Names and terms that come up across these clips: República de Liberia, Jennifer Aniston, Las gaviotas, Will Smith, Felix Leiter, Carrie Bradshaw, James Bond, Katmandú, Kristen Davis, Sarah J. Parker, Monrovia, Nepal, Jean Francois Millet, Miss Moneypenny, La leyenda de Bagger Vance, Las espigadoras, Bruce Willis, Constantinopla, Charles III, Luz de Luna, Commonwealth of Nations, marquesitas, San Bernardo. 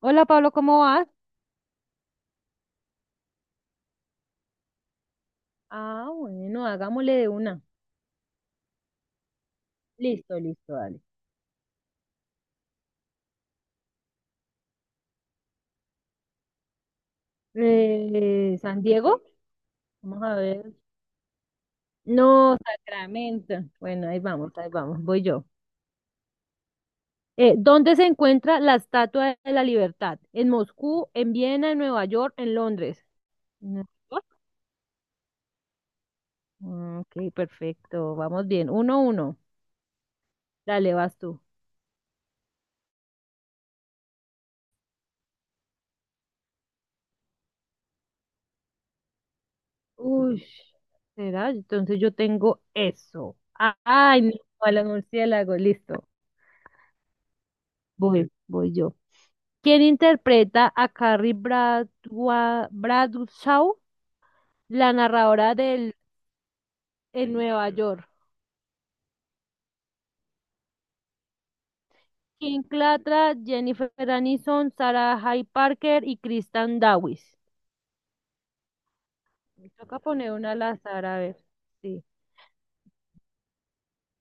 Hola Pablo, ¿cómo vas? Ah, bueno, hagámosle de una. Listo, listo, dale. ¿San Diego? Vamos a ver. No, Sacramento. Bueno, ahí vamos, voy yo. ¿Dónde se encuentra la Estatua de la Libertad? ¿En Moscú, en Viena, en Nueva York, en Londres? No. Ok, perfecto, vamos bien. Uno, uno. Dale, vas tú. Uy, ¿será? Entonces yo tengo eso. Ah, ay, no, a los murciélagos, listo. Voy, voy yo. Quien interpreta a Carrie Bradshaw, la narradora del en Nueva York. Kim Clatra, Jennifer Aniston, Sarah J. Parker y Kristen Davis. Me toca poner una al azar, a ver. Sí.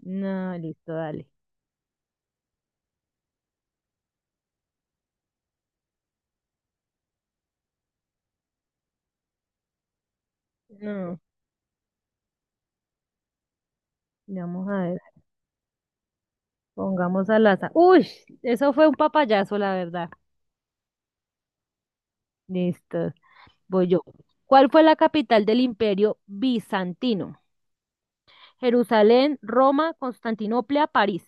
No, listo, dale. No, vamos a ver. Pongamos al azar. Uy, eso fue un papayazo, la verdad. Listo, voy yo. ¿Cuál fue la capital del Imperio Bizantino? Jerusalén, Roma, Constantinopla, París.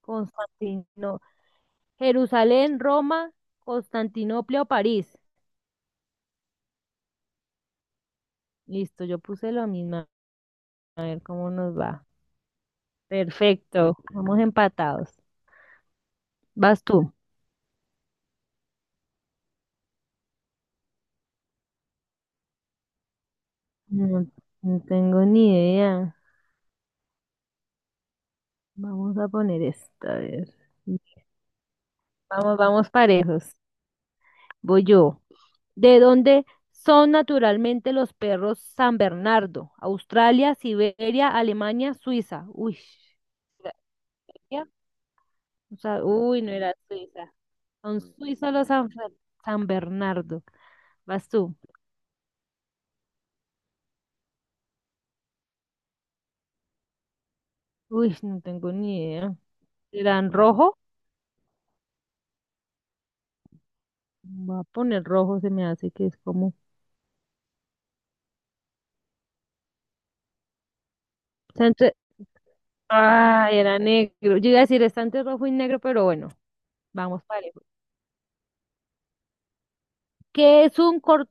Constantino, Jerusalén, Roma, Constantinopla o París. Listo, yo puse lo mismo. A ver cómo nos va. Perfecto, vamos empatados. Vas tú. No, no tengo ni idea. Vamos a poner esta, a ver. Vamos, vamos parejos. Voy yo. ¿De dónde son naturalmente los perros San Bernardo? Australia, Siberia, Alemania, Suiza. Uy. ¿Siberia? O sea, uy, no era Suiza. Son suizos los San Bernardo. Vas tú. Uy, no tengo ni idea. ¿Eran rojo? Voy a poner rojo, se me hace que es como. Está entre... Ah, era negro. Yo iba a decir, está entre rojo y negro, pero bueno, vamos parejo. ¿Qué es un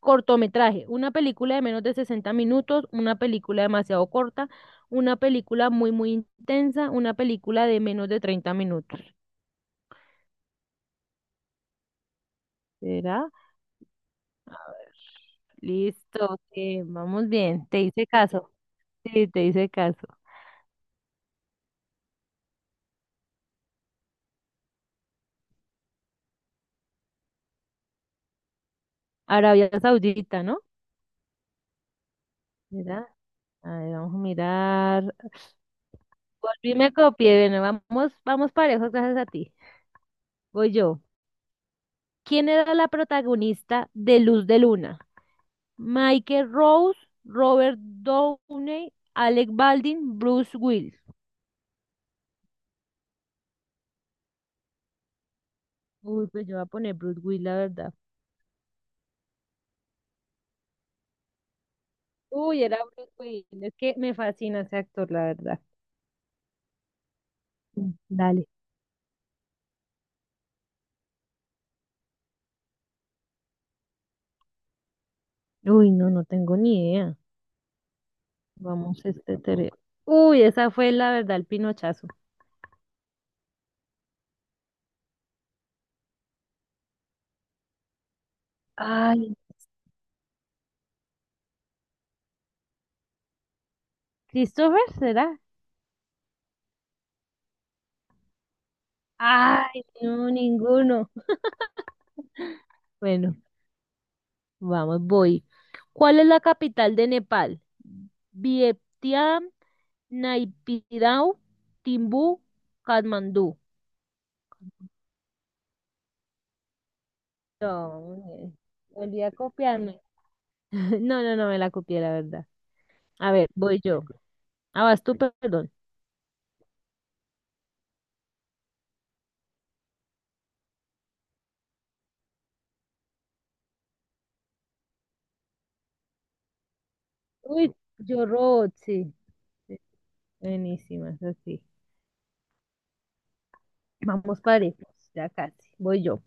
cortometraje? Una película de menos de 60 minutos, una película demasiado corta, una película muy, muy intensa, una película de menos de 30 minutos. ¿Será? Listo, ok, vamos bien. Te hice caso. Sí, te hice caso. Arabia Saudita, ¿no? Mira, a ver, vamos a mirar. Volví, y me copié. Bueno, vamos, vamos parejos, gracias a ti. Voy yo. ¿Quién era la protagonista de Luz de Luna? Michael Rose, Robert Downey, Alec Baldwin, Bruce Willis. Uy, pues yo voy a poner Bruce Willis, la verdad. Uy, era Bruce Willis. Es que me fascina ese actor, la verdad. Mm, dale. Uy, no, no tengo ni idea. Vamos, este, uy, esa fue la verdad, el pinochazo. Ay, ¿Christopher será? Ay, no, ninguno. Bueno, vamos, voy. ¿Cuál es la capital de Nepal? Vientiane, Naypyidaw, Timbú, Katmandú. No, hombre, volví a copiarme. No, no, no me la copié, la verdad. A ver, voy yo. Ah, vas tú, perdón. Uy, yo robot, sí. Sí, buenísimas, así. Vamos parejos, ya casi. Voy yo.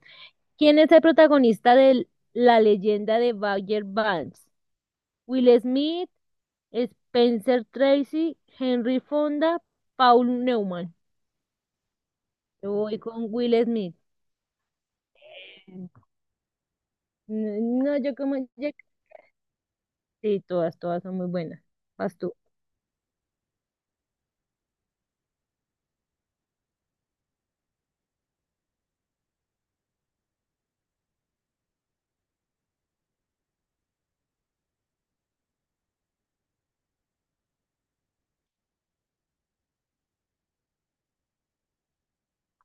¿Quién es el protagonista de La leyenda de Bagger Vance? Will Smith, Spencer Tracy, Henry Fonda, Paul Newman. Yo voy con Will Smith. No, yo como ya... sí, todas, todas son muy buenas. Vas tú.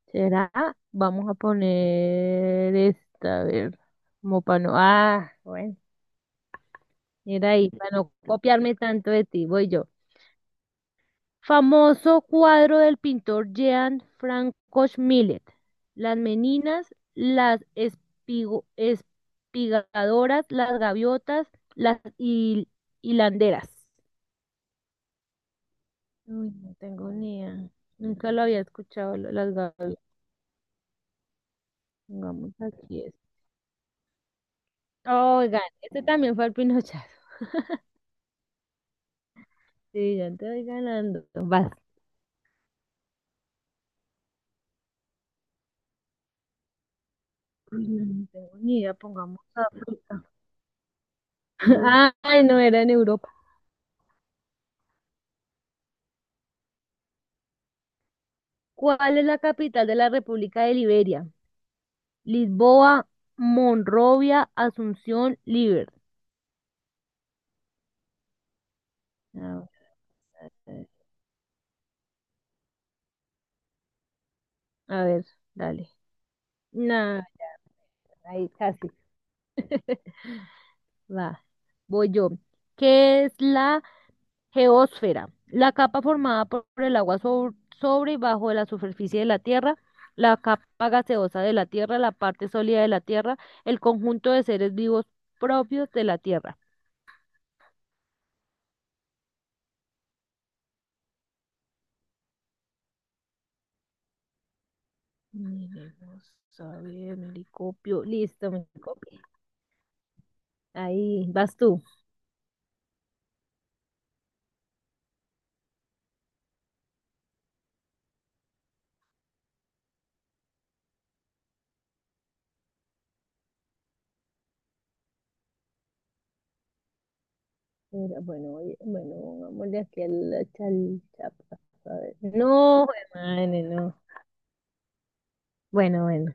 ¿Será? Vamos a poner esta, a ver, como para no, ah, bueno, mira ahí, para no copiarme tanto de ti, voy yo. Famoso cuadro del pintor Jean Francois Millet. Las meninas, las espigadoras, las gaviotas, las hilanderas. Uy, no tengo ni idea. Nunca lo había escuchado, las gaviotas. Pongamos aquí esto. Oigan, este también fue el pinochazo. Sí, ya te voy ganando. Vas. Uy, no, no tengo ni idea, pongamos África. Ay, no, era en Europa. ¿Cuál es la capital de la República de Liberia? Lisboa, Monrovia, Asunción, Liber. A ver, a ver, dale. Nah, ahí casi. Va, voy yo. ¿Qué es la geósfera? La capa formada por el agua sobre y bajo de la superficie de la Tierra, la capa gaseosa de la Tierra, la parte sólida de la Tierra, el conjunto de seres vivos propios de la Tierra. Miremos, a ver, Mericopio. Listo, Mericopio. Ahí vas tú. Era, bueno, oye, bueno, pongámosle aquí al la chalchapa. A ver. No, hermano, no. Bueno, bueno,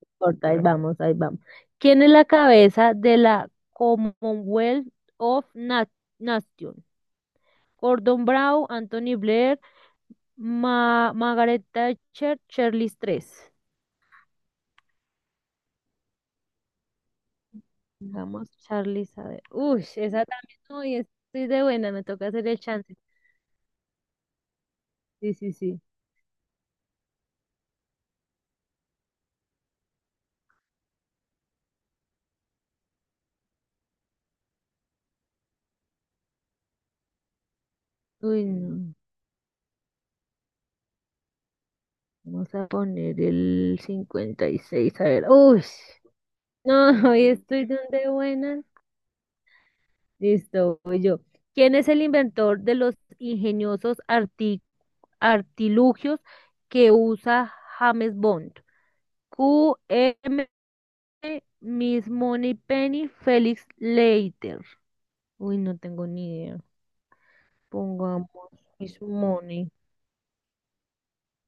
no importa, ahí vamos, ahí vamos. ¿Quién es la cabeza de la Commonwealth of Nations? Gordon Brown, Anthony Blair, Margaret Thatcher, Charles III. Vamos, Charles, a ver. Uy, esa también, uy, estoy de buena, me toca hacer el chance. Sí, sí, sí. Uy, no. Vamos a poner el 56. A ver. Uy, no, hoy estoy donde buena. Listo, voy yo. ¿Quién es el inventor de los ingeniosos artilugios que usa James Bond? Q, M, Miss Moneypenny, Felix Leiter. Uy, no tengo ni idea. Pongamos Miss Money.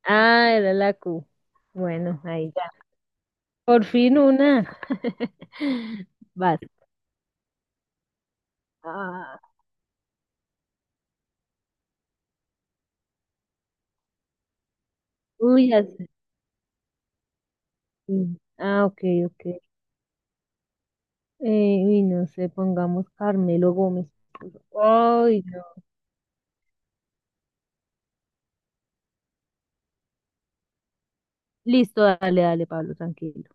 Ah, era la Q. Bueno, ahí ya. Por fin una. Vas. Ah, uy, así. Ah, ok, ok. Uy, no sé, pongamos Carmelo Gómez. Ay, no. Listo, dale, dale, Pablo, tranquilo.